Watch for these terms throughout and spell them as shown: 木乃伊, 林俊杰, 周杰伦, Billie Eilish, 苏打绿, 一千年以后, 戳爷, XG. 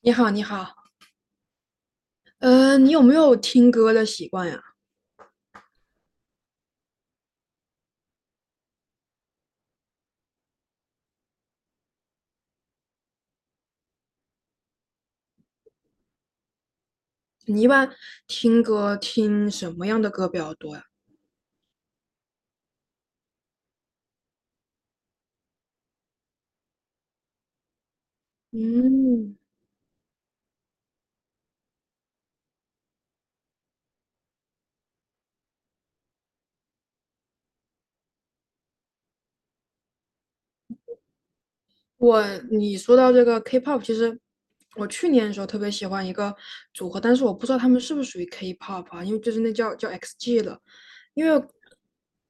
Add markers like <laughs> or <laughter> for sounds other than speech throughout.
你好，你好，你有没有听歌的习惯呀？你一般听歌听什么样的歌比较多呀？嗯，我你说到这个 K-pop，其实我去年的时候特别喜欢一个组合，但是我不知道他们是不是属于 K-pop 啊，因为就是那叫 XG 了，因为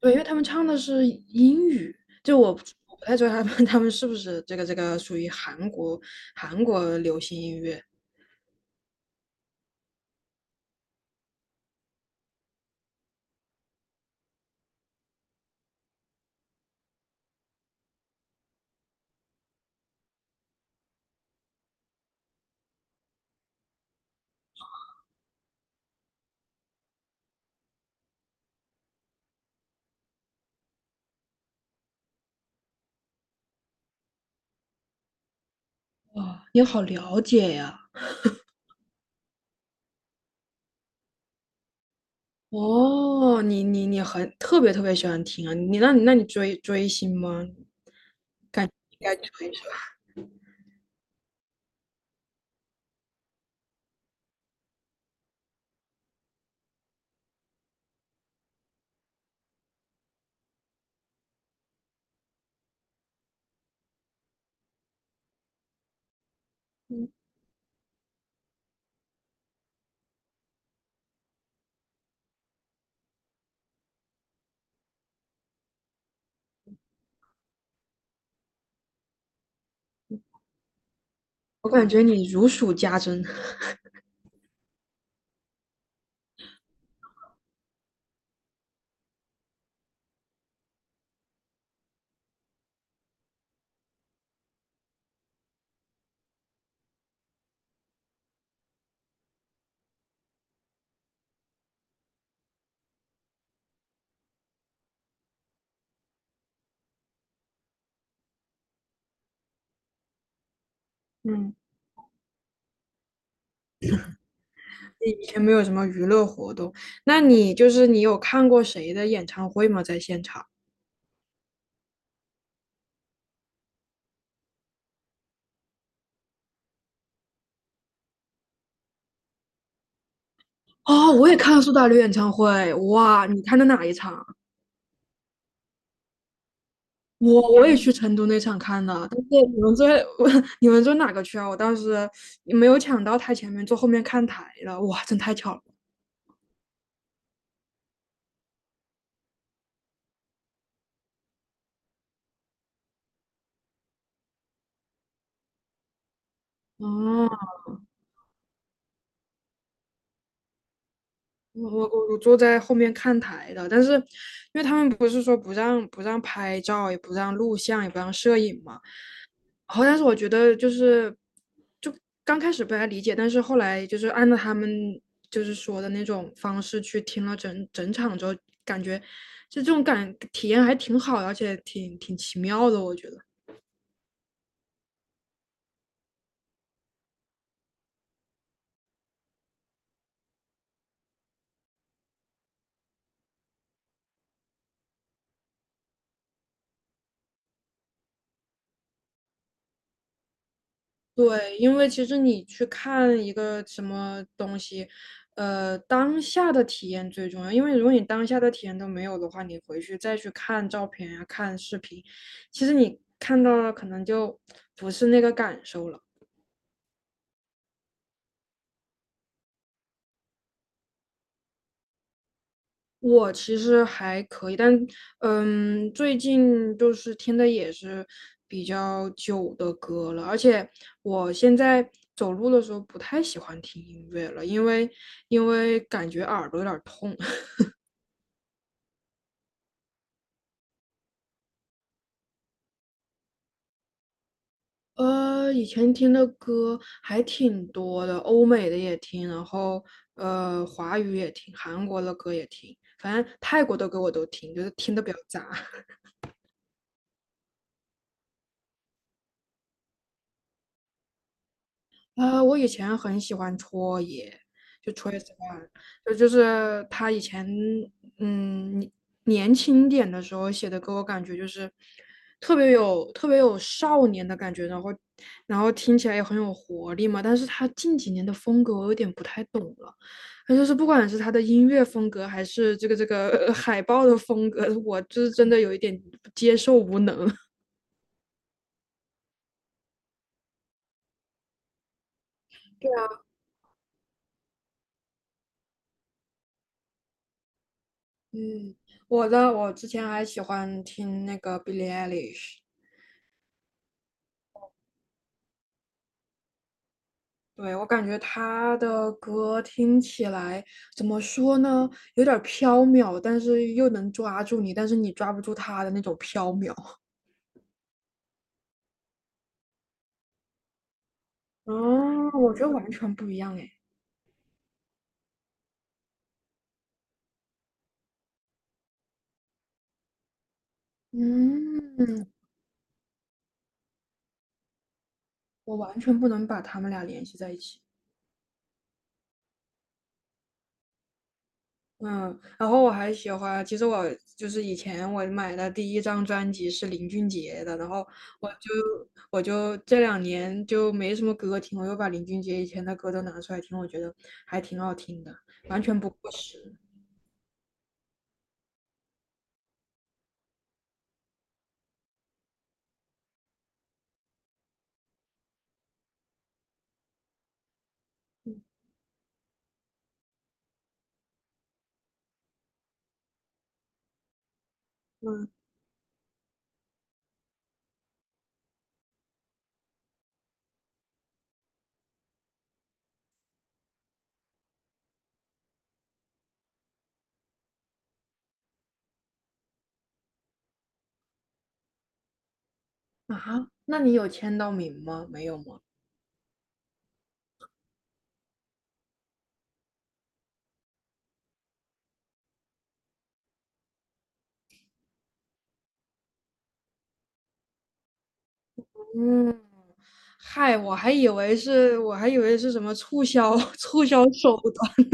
对，因为他们唱的是英语，就我不太知道他们是不是这个属于韩国流行音乐。哇，你好了解呀！哦，你很特别喜欢听啊！你追星吗？应该追一下。我感觉你如数家珍，嗯，<laughs> 你以前没有什么娱乐活动，那你就是你有看过谁的演唱会吗？在现场？哦，我也看了苏打绿演唱会，哇！你看的哪一场？我也去成都那场看了，但是你们坐 <laughs> 你们坐哪个区啊？我当时没有抢到台前面，坐后面看台了，哇，真太巧了。哦，我坐在后面看台的，但是因为他们不是说不让拍照，也不让录像，也不让摄影嘛。然后，但是我觉得就是就刚开始不太理解，但是后来就是按照他们就是说的那种方式去听了整整场之后，感觉就这种感体验还挺好的，而且挺奇妙的，我觉得。对，因为其实你去看一个什么东西，当下的体验最重要。因为如果你当下的体验都没有的话，你回去再去看照片呀、看视频，其实你看到了可能就不是那个感受了。我其实还可以，但嗯，最近就是听的也是比较久的歌了，而且我现在走路的时候不太喜欢听音乐了，因为感觉耳朵有点儿痛。以前听的歌还挺多的，欧美的也听，然后华语也听，韩国的歌也听，反正泰国的歌我都听，就是听的比较杂。我以前很喜欢戳爷，就戳爷 o n 就他以前年年轻点的时候写的歌，我感觉就是特别有少年的感觉，然后然后听起来也很有活力嘛。但是他近几年的风格我有点不太懂了，他就是不管是他的音乐风格，还是这个 <laughs> 海报的风格，我就是真的有一点接受无能。<laughs> 嗯，我之前还喜欢听那个 Billie Eilish。对，我感觉他的歌听起来怎么说呢，有点儿飘渺，但是又能抓住你，但是你抓不住他的那种飘渺。<laughs> 哦，我觉得完全不一样哎，嗯，我完全不能把他们俩联系在一起。嗯，然后我还喜欢，其实我就是以前我买的第一张专辑是林俊杰的，然后我就我就这两年就没什么歌听，我又把林俊杰以前的歌都拿出来听，我觉得还挺好听的，完全不过时。嗯嗯啊，那你有签到名吗？没有吗？嗯，嗨，我还以为是什么促销 <laughs> 促销手段，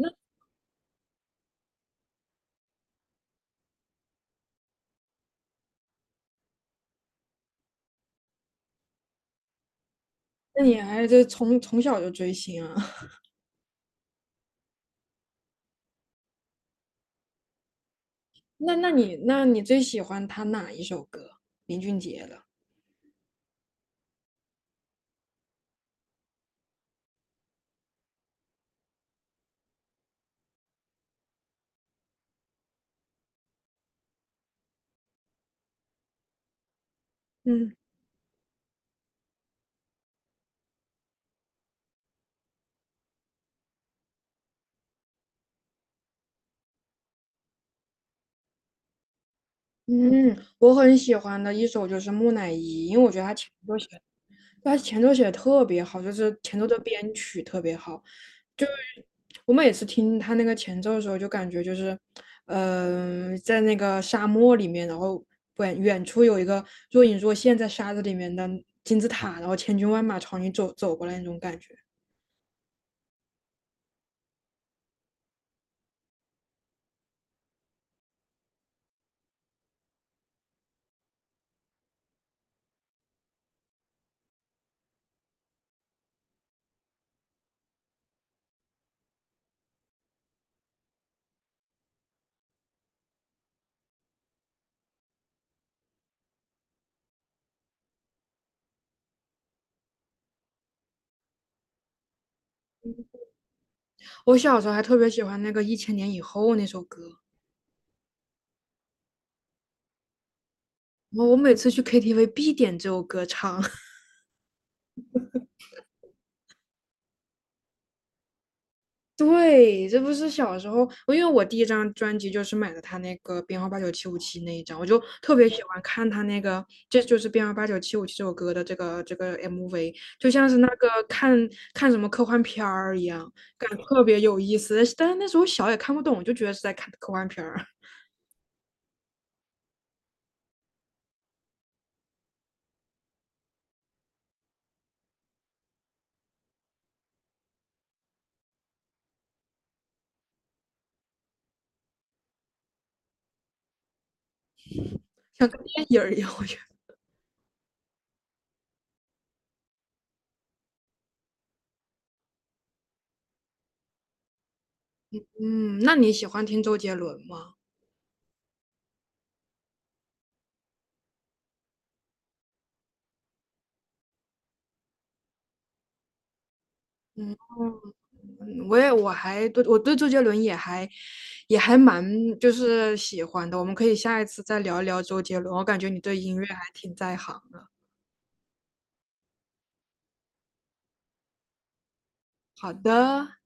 <laughs> 那那你还是从小就追星啊？那你最喜欢他哪一首歌？林俊杰的。嗯，嗯，我很喜欢的一首就是《木乃伊》，因为我觉得他前奏写的特别好，就是前奏的编曲特别好。就是我每次听他那个前奏的时候，就感觉就是，嗯、在那个沙漠里面，然后远远处有一个若隐若现在沙子里面的金字塔，然后千军万马朝你走过来那种感觉。我小时候还特别喜欢那个《一千年以后》那首歌。我每次去 KTV 必点这首歌唱。<laughs> 对，这不是小时候，我因为我第一张专辑就是买的他那个编号八九七五七那一张，我就特别喜欢看他那个，这就是编号八九七五七这首歌的这个 MV,就像是那个看什么科幻片儿一样，感觉特别有意思。但是那时候小也看不懂，就觉得是在看科幻片儿，<laughs> 像看电影儿一样。我觉得，嗯，那你喜欢听周杰伦吗？我对周杰伦也还蛮就是喜欢的，我们可以下一次再聊一聊周杰伦，我感觉你对音乐还挺在行的。好的。